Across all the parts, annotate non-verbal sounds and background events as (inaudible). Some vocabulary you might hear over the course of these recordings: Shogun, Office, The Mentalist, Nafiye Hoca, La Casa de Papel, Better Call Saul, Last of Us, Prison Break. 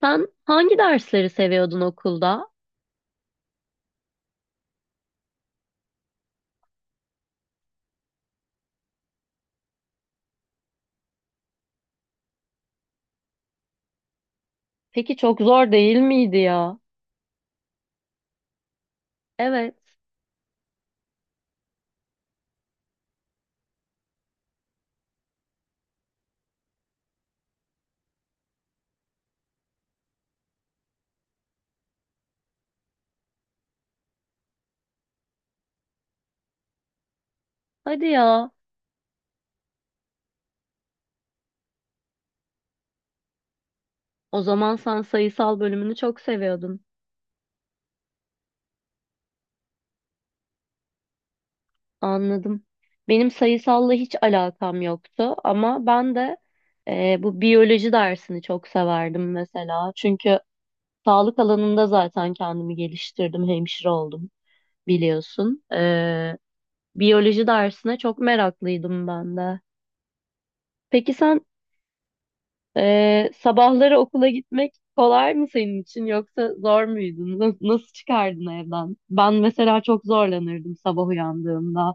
Sen hangi dersleri seviyordun okulda? Peki çok zor değil miydi ya? Evet. Hadi ya. O zaman sen sayısal bölümünü çok seviyordun. Anladım. Benim sayısalla hiç alakam yoktu ama ben de bu biyoloji dersini çok severdim mesela. Çünkü sağlık alanında zaten kendimi geliştirdim, hemşire oldum biliyorsun. Biyoloji dersine çok meraklıydım ben de. Peki sen sabahları okula gitmek kolay mı senin için yoksa zor muydun? Nasıl çıkardın evden? Ben mesela çok zorlanırdım sabah uyandığımda.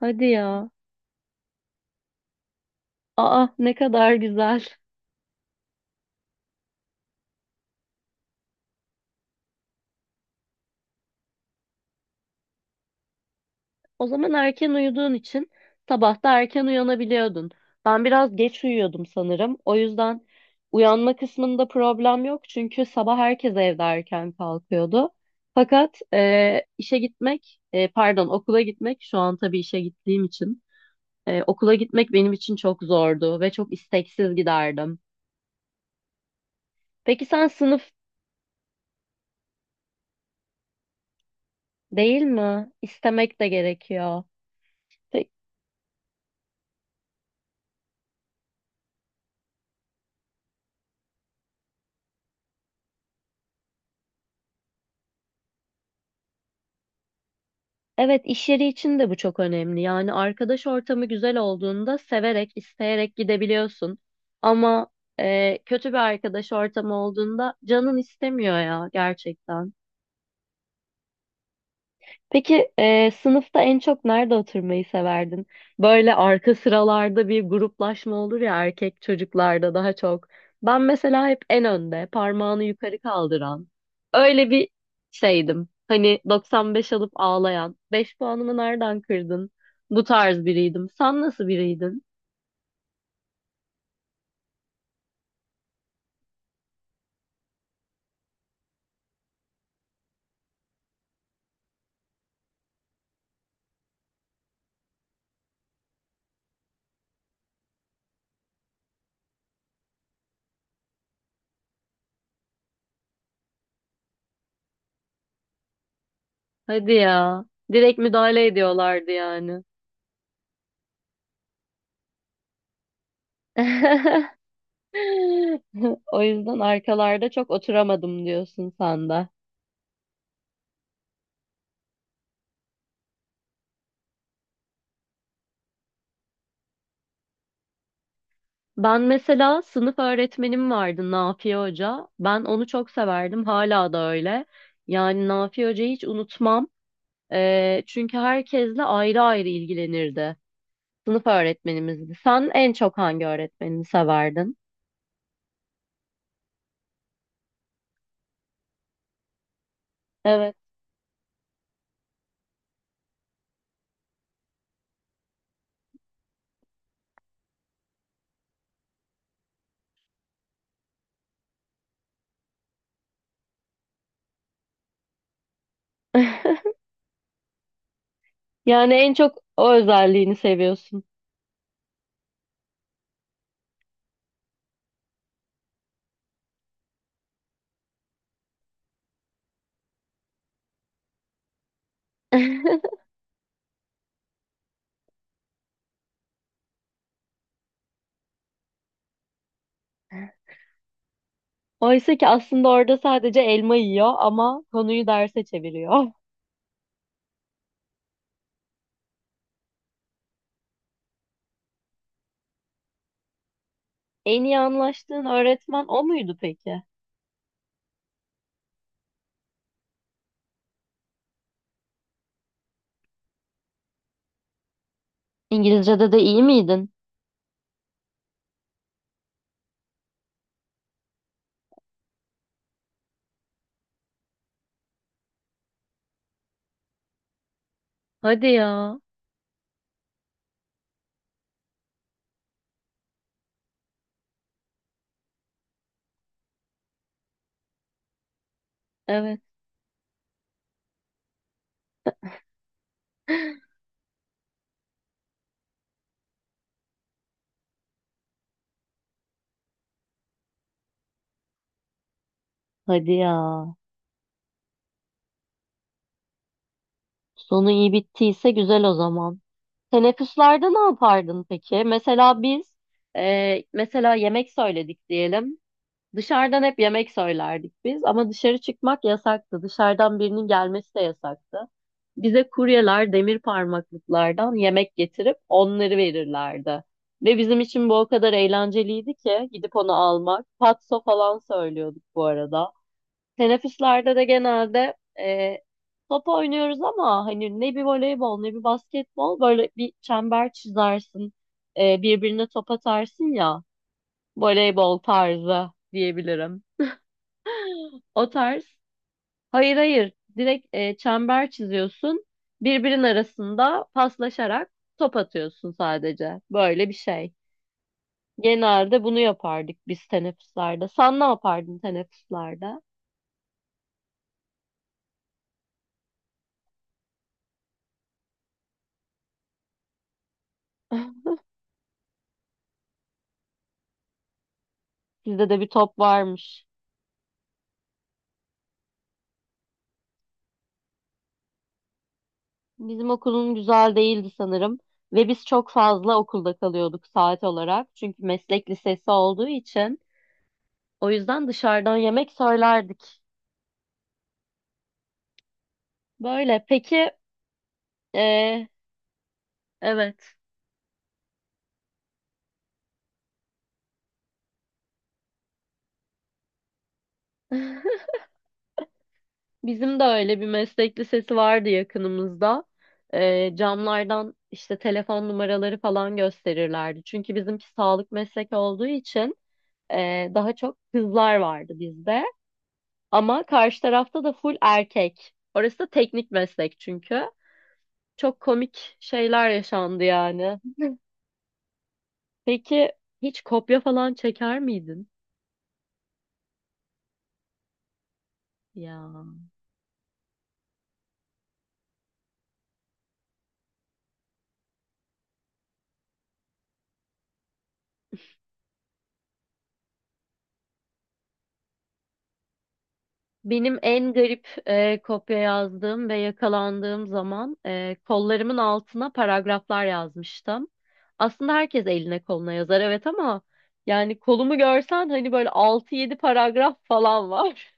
Hadi ya. Aa, ne kadar güzel. O zaman erken uyuduğun için sabah da erken uyanabiliyordun. Ben biraz geç uyuyordum sanırım. O yüzden uyanma kısmında problem yok çünkü sabah herkes evde erken kalkıyordu. Fakat işe gitmek, pardon, okula gitmek şu an tabii işe gittiğim için. Okula gitmek benim için çok zordu ve çok isteksiz giderdim. Peki sen sınıf değil mi? İstemek de gerekiyor. Pe- Evet, iş yeri için de bu çok önemli. Yani arkadaş ortamı güzel olduğunda severek, isteyerek gidebiliyorsun. Ama kötü bir arkadaş ortamı olduğunda canın istemiyor ya gerçekten. Peki sınıfta en çok nerede oturmayı severdin? Böyle arka sıralarda bir gruplaşma olur ya, erkek çocuklarda daha çok. Ben mesela hep en önde, parmağını yukarı kaldıran. Öyle bir şeydim. Hani 95 alıp ağlayan. Beş puanımı nereden kırdın? Bu tarz biriydim. Sen nasıl biriydin? Hadi ya. Direkt müdahale ediyorlardı yani. (laughs) O yüzden arkalarda çok oturamadım diyorsun sen de. Ben mesela sınıf öğretmenim vardı, Nafiye Hoca. Ben onu çok severdim. Hala da öyle. Yani Nafiye Hoca'yı hiç unutmam. Çünkü herkesle ayrı ayrı ilgilenirdi. Sınıf öğretmenimizdi. Sen en çok hangi öğretmenini severdin? Evet. (laughs) Yani en çok o özelliğini seviyorsun. (laughs) Oysa ki aslında orada sadece elma yiyor ama konuyu derse çeviriyor. (laughs) En iyi anlaştığın öğretmen o muydu peki? İngilizce'de de iyi miydin? Hadi ya. Evet. Hadi ya. Sonu iyi bittiyse güzel o zaman. Teneffüslerde ne yapardın peki? Mesela biz mesela yemek söyledik diyelim. Dışarıdan hep yemek söylerdik biz ama dışarı çıkmak yasaktı. Dışarıdan birinin gelmesi de yasaktı. Bize kuryeler demir parmaklıklardan yemek getirip onları verirlerdi. Ve bizim için bu o kadar eğlenceliydi ki gidip onu almak. Patso falan söylüyorduk bu arada. Teneffüslerde de genelde top oynuyoruz ama hani ne bir voleybol ne bir basketbol, böyle bir çember çizersin. Birbirine top atarsın ya, voleybol tarzı diyebilirim. O tarz. Hayır hayır, direkt çember çiziyorsun. Birbirinin arasında paslaşarak top atıyorsun sadece. Böyle bir şey. Genelde bunu yapardık biz teneffüslerde. Sen ne yapardın teneffüslerde? (laughs) Sizde de bir top varmış. Bizim okulun güzel değildi sanırım ve biz çok fazla okulda kalıyorduk saat olarak. Çünkü meslek lisesi olduğu için, o yüzden dışarıdan yemek söylerdik. Böyle peki e, evet, (laughs) bizim de öyle bir meslek lisesi vardı yakınımızda. Camlardan işte telefon numaraları falan gösterirlerdi. Çünkü bizimki sağlık meslek olduğu için daha çok kızlar vardı bizde. Ama karşı tarafta da full erkek. Orası da teknik meslek çünkü. Çok komik şeyler yaşandı yani. (laughs) Peki hiç kopya falan çeker miydin? Ya benim en garip kopya yazdığım ve yakalandığım zaman kollarımın altına paragraflar yazmıştım. Aslında herkes eline koluna yazar evet ama yani kolumu görsen hani böyle altı yedi paragraf falan var.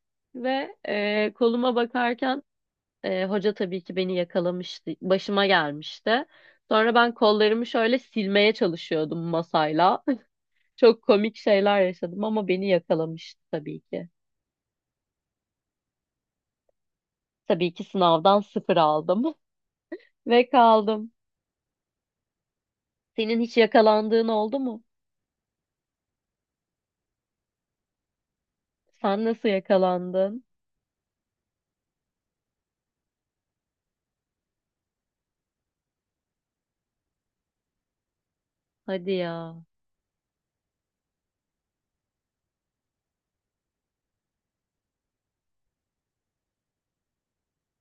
(laughs) Ve koluma bakarken hoca tabii ki beni yakalamıştı. Başıma gelmişti. Sonra ben kollarımı şöyle silmeye çalışıyordum masayla. (laughs) Çok komik şeyler yaşadım ama beni yakalamıştı tabii ki. Tabii ki sınavdan sıfır aldım (laughs) ve kaldım. Senin hiç yakalandığın oldu mu? Sen nasıl yakalandın? Hadi ya.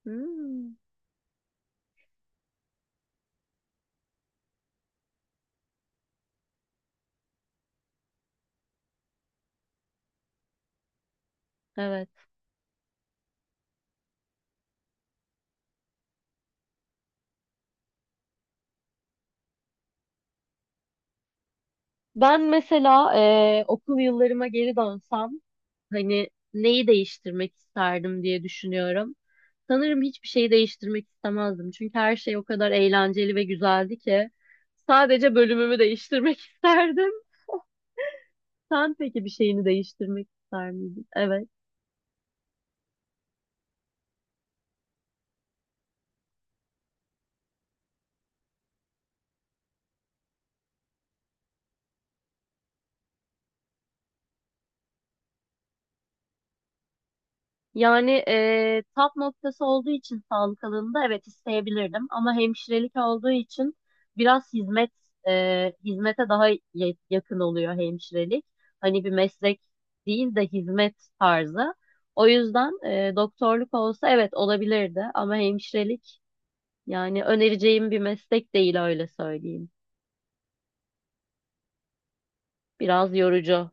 Hmm, evet. Ben mesela okul yıllarıma geri dönsem, hani neyi değiştirmek isterdim diye düşünüyorum. Sanırım hiçbir şeyi değiştirmek istemezdim. Çünkü her şey o kadar eğlenceli ve güzeldi ki sadece bölümümü değiştirmek (laughs) isterdim. Sen peki bir şeyini değiştirmek ister miydin? Evet. Yani tap noktası olduğu için sağlık alanında evet isteyebilirdim ama hemşirelik olduğu için biraz hizmet, hizmete daha yakın oluyor hemşirelik. Hani bir meslek değil de hizmet tarzı. O yüzden doktorluk olsa evet olabilirdi ama hemşirelik, yani önereceğim bir meslek değil, öyle söyleyeyim. Biraz yorucu.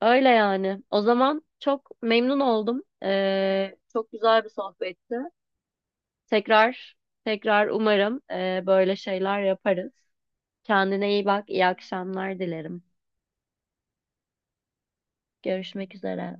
Öyle yani. O zaman çok memnun oldum. Çok güzel bir sohbetti. Tekrar tekrar umarım böyle şeyler yaparız. Kendine iyi bak, iyi akşamlar dilerim. Görüşmek üzere.